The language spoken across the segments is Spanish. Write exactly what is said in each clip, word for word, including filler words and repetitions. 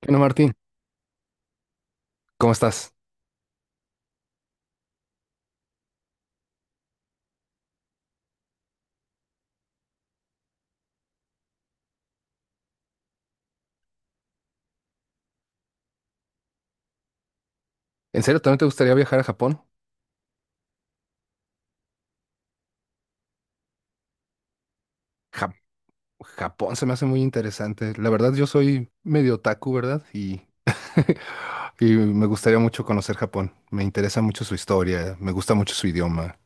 Bueno, Martín, ¿cómo estás? ¿En serio también te gustaría viajar a Japón? Ja- Japón se me hace muy interesante. La verdad, yo soy medio otaku, ¿verdad? Y, y me gustaría mucho conocer Japón. Me interesa mucho su historia, me gusta mucho su idioma.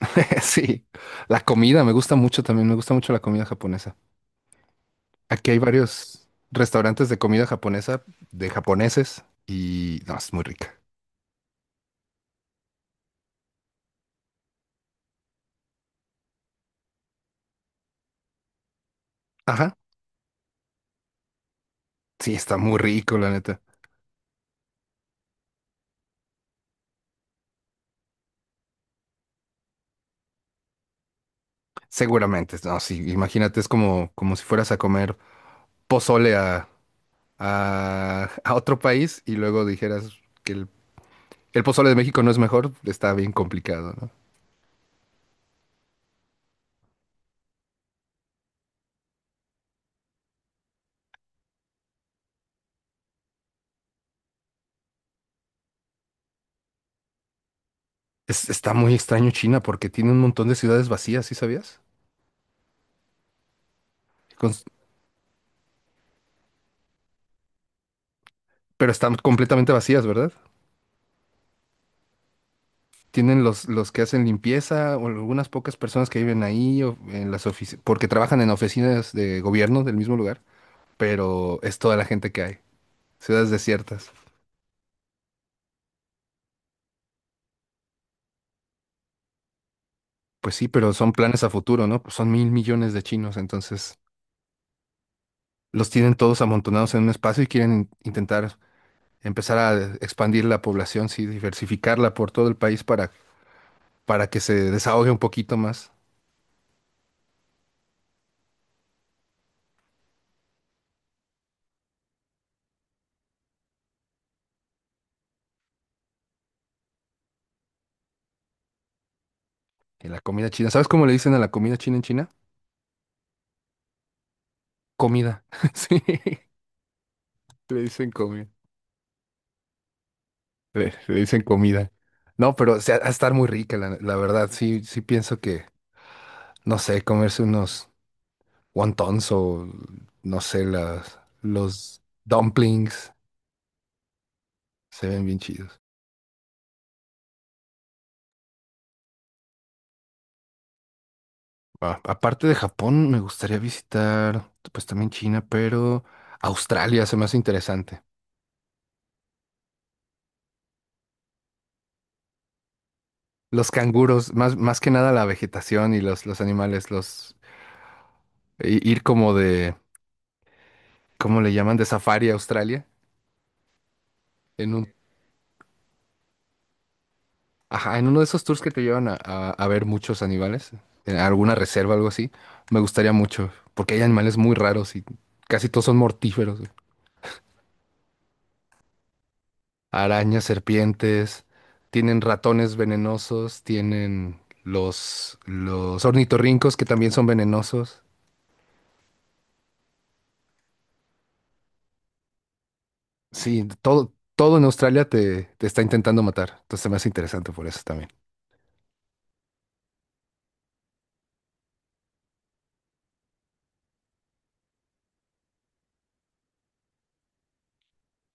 Sí, la comida me gusta mucho también, me gusta mucho la comida japonesa. Aquí hay varios restaurantes de comida japonesa, de japoneses, y no, es muy rica. Ajá, sí, está muy rico, la neta. Seguramente, no, sí, imagínate, es como, como si fueras a comer pozole a, a, a otro país y luego dijeras que el, el pozole de México no es mejor, está bien complicado, ¿no? Es- está muy extraño China porque tiene un montón de ciudades vacías, ¿sí sabías? Cons- pero están completamente vacías, ¿verdad? Tienen los, los que hacen limpieza o algunas pocas personas que viven ahí o en las oficinas, porque trabajan en oficinas de gobierno del mismo lugar, pero es toda la gente que hay, ciudades desiertas. Pues sí, pero son planes a futuro, ¿no? Pues son mil millones de chinos, entonces los tienen todos amontonados en un espacio y quieren in- intentar empezar a expandir la población, sí, diversificarla por todo el país para, para que se desahogue un poquito más en la comida china. ¿Sabes cómo le dicen a la comida china en China? Comida. Sí, le dicen comida. Le, le dicen comida. No, pero o sea, ha de estar muy rica, la, la verdad. Sí, sí pienso que, no sé, comerse unos wontons o, no sé, las, los dumplings se ven bien chidos. A- aparte de Japón, me gustaría visitar, pues también China, pero Australia se me hace interesante. Los canguros, más, más que nada la vegetación y los, los animales, los i- ir como de, ¿cómo le llaman? De safari a Australia, en un, ajá, en uno de esos tours que te llevan a, a- a ver muchos animales, en alguna reserva, algo así. Me gustaría mucho, porque hay animales muy raros y casi todos son mortíferos. Arañas, serpientes, tienen ratones venenosos, tienen los, los ornitorrincos que también son venenosos. Sí, todo, todo en Australia te, te está intentando matar. Entonces se me hace interesante por eso también.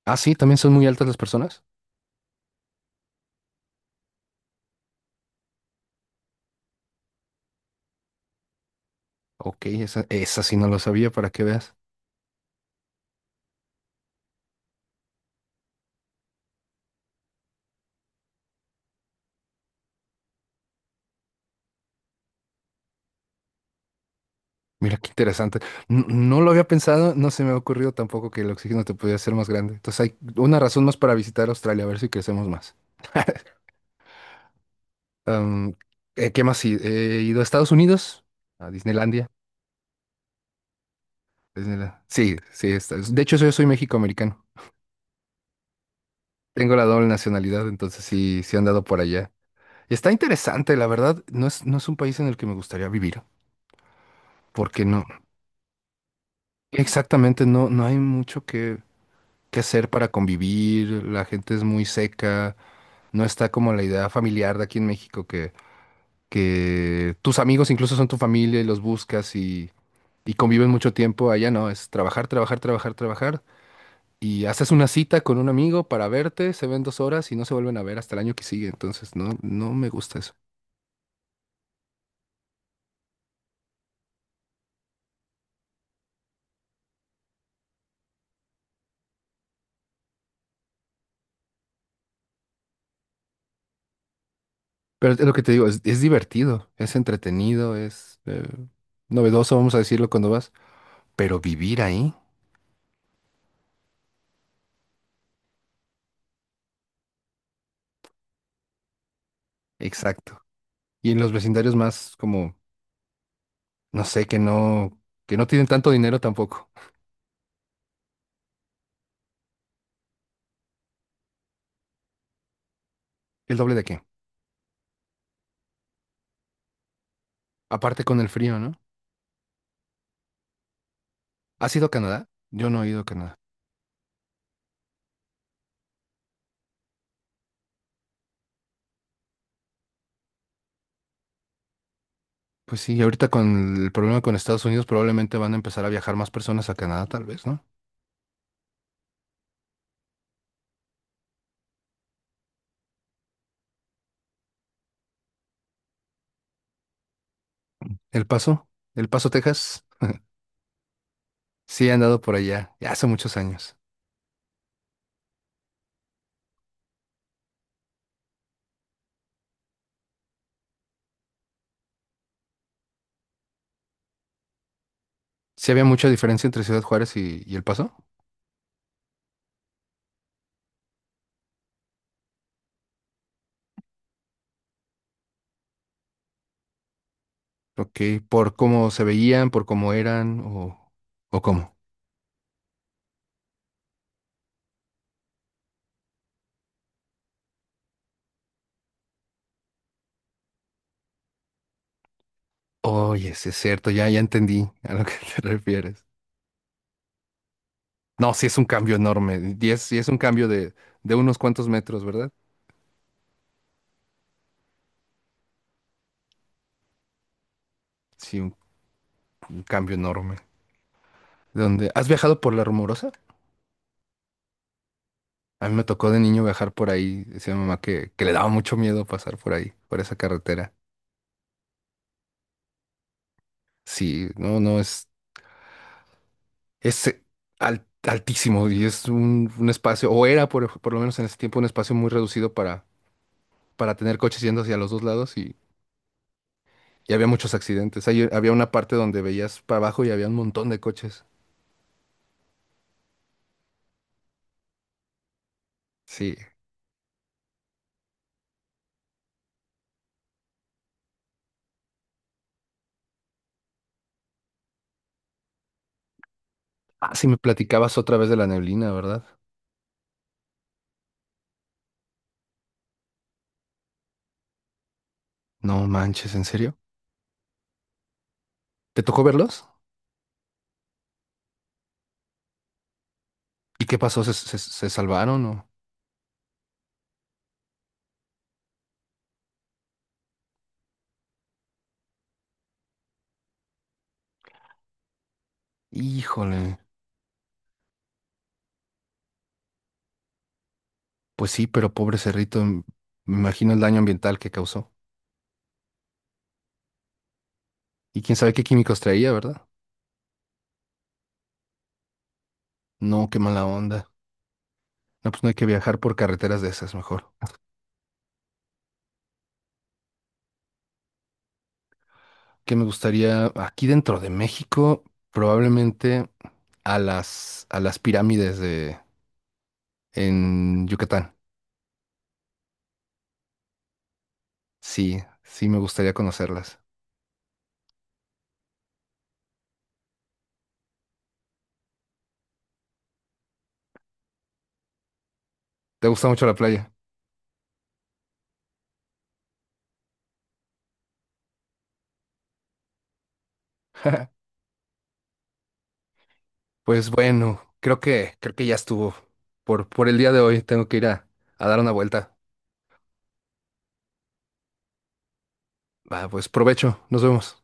Ah, sí, también son muy altas las personas. Ok, esa, esa sí no lo sabía, para que veas. Mira qué interesante. N- No, lo había pensado, no se me ha ocurrido tampoco que el oxígeno te pudiera ser más grande. Entonces hay una razón más para visitar Australia, a ver si crecemos más. Am, eh, ¿Qué más? Sí, he ido a Estados Unidos, a Disneylandia. Disneyland. Sí, sí, está- de hecho yo soy méxico-americano. Tengo la doble nacionalidad, entonces sí, sí he andado por allá. Está interesante, la verdad, no es, no es un país en el que me gustaría vivir, porque no, exactamente, no, no hay mucho que, que hacer para convivir, la gente es muy seca, no está como la idea familiar de aquí en México que, que tus amigos incluso son tu familia y los buscas y conviven mucho tiempo. Allá no, es trabajar, trabajar, trabajar, trabajar. Y haces una cita con un amigo para verte, se ven dos horas y no se vuelven a ver hasta el año que sigue. Entonces, no, no me gusta eso. Pero es lo que te digo, es, es divertido, es entretenido, es eh, novedoso, vamos a decirlo cuando vas. Pero vivir ahí, exacto. Y en los vecindarios más como, no sé, que no, que no tienen tanto dinero tampoco. ¿El doble de qué? Aparte con el frío, ¿no? ¿Has ido a Canadá? Yo no he ido a Canadá. Pues sí, y ahorita con el problema con Estados Unidos probablemente van a empezar a viajar más personas a Canadá, tal vez, ¿no? El Paso, El Paso, Texas, sí he andado por allá, ya hace muchos años. Sí había mucha diferencia entre Ciudad Juárez y, y El Paso, ok, por cómo se veían, por cómo eran o, o cómo. Oye, sí es cierto, ya, ya entendí a lo que te refieres. No, sí es un cambio enorme, y es, sí es un cambio de, de unos cuantos metros, ¿verdad? Sí, un un cambio enorme. ¿Dónde? ¿Has viajado por La Rumorosa? A mí me tocó de niño viajar por ahí. Decía mi mamá que, que le daba mucho miedo pasar por ahí, por esa carretera. Sí, no, no, es, es eh, al- altísimo y es un, un espacio, o era por, por lo menos en ese tiempo un espacio muy reducido para, para tener coches yendo hacia los dos lados y, y había muchos accidentes. Ahí había una parte donde veías para abajo y había un montón de coches. Sí. Ah, sí, me platicabas otra vez de la neblina, ¿verdad? No manches, ¿en serio? ¿Te tocó verlos? ¿Y qué pasó? ¿Se, se, se salvaron o...? Híjole. Pues sí, pero pobre cerrito, m- me imagino el daño ambiental que causó. Y quién sabe qué químicos traía, ¿verdad? No, qué mala onda. No, pues no hay que viajar por carreteras de esas, mejor. Que me gustaría, aquí dentro de México, probablemente a las, a las pirámides de, en Yucatán. Sí, sí me gustaría conocerlas. ¿Te gusta mucho la playa? Pues bueno, creo que, creo que ya estuvo. Por, por el día de hoy tengo que ir a, a dar una vuelta. Va, pues provecho, nos vemos.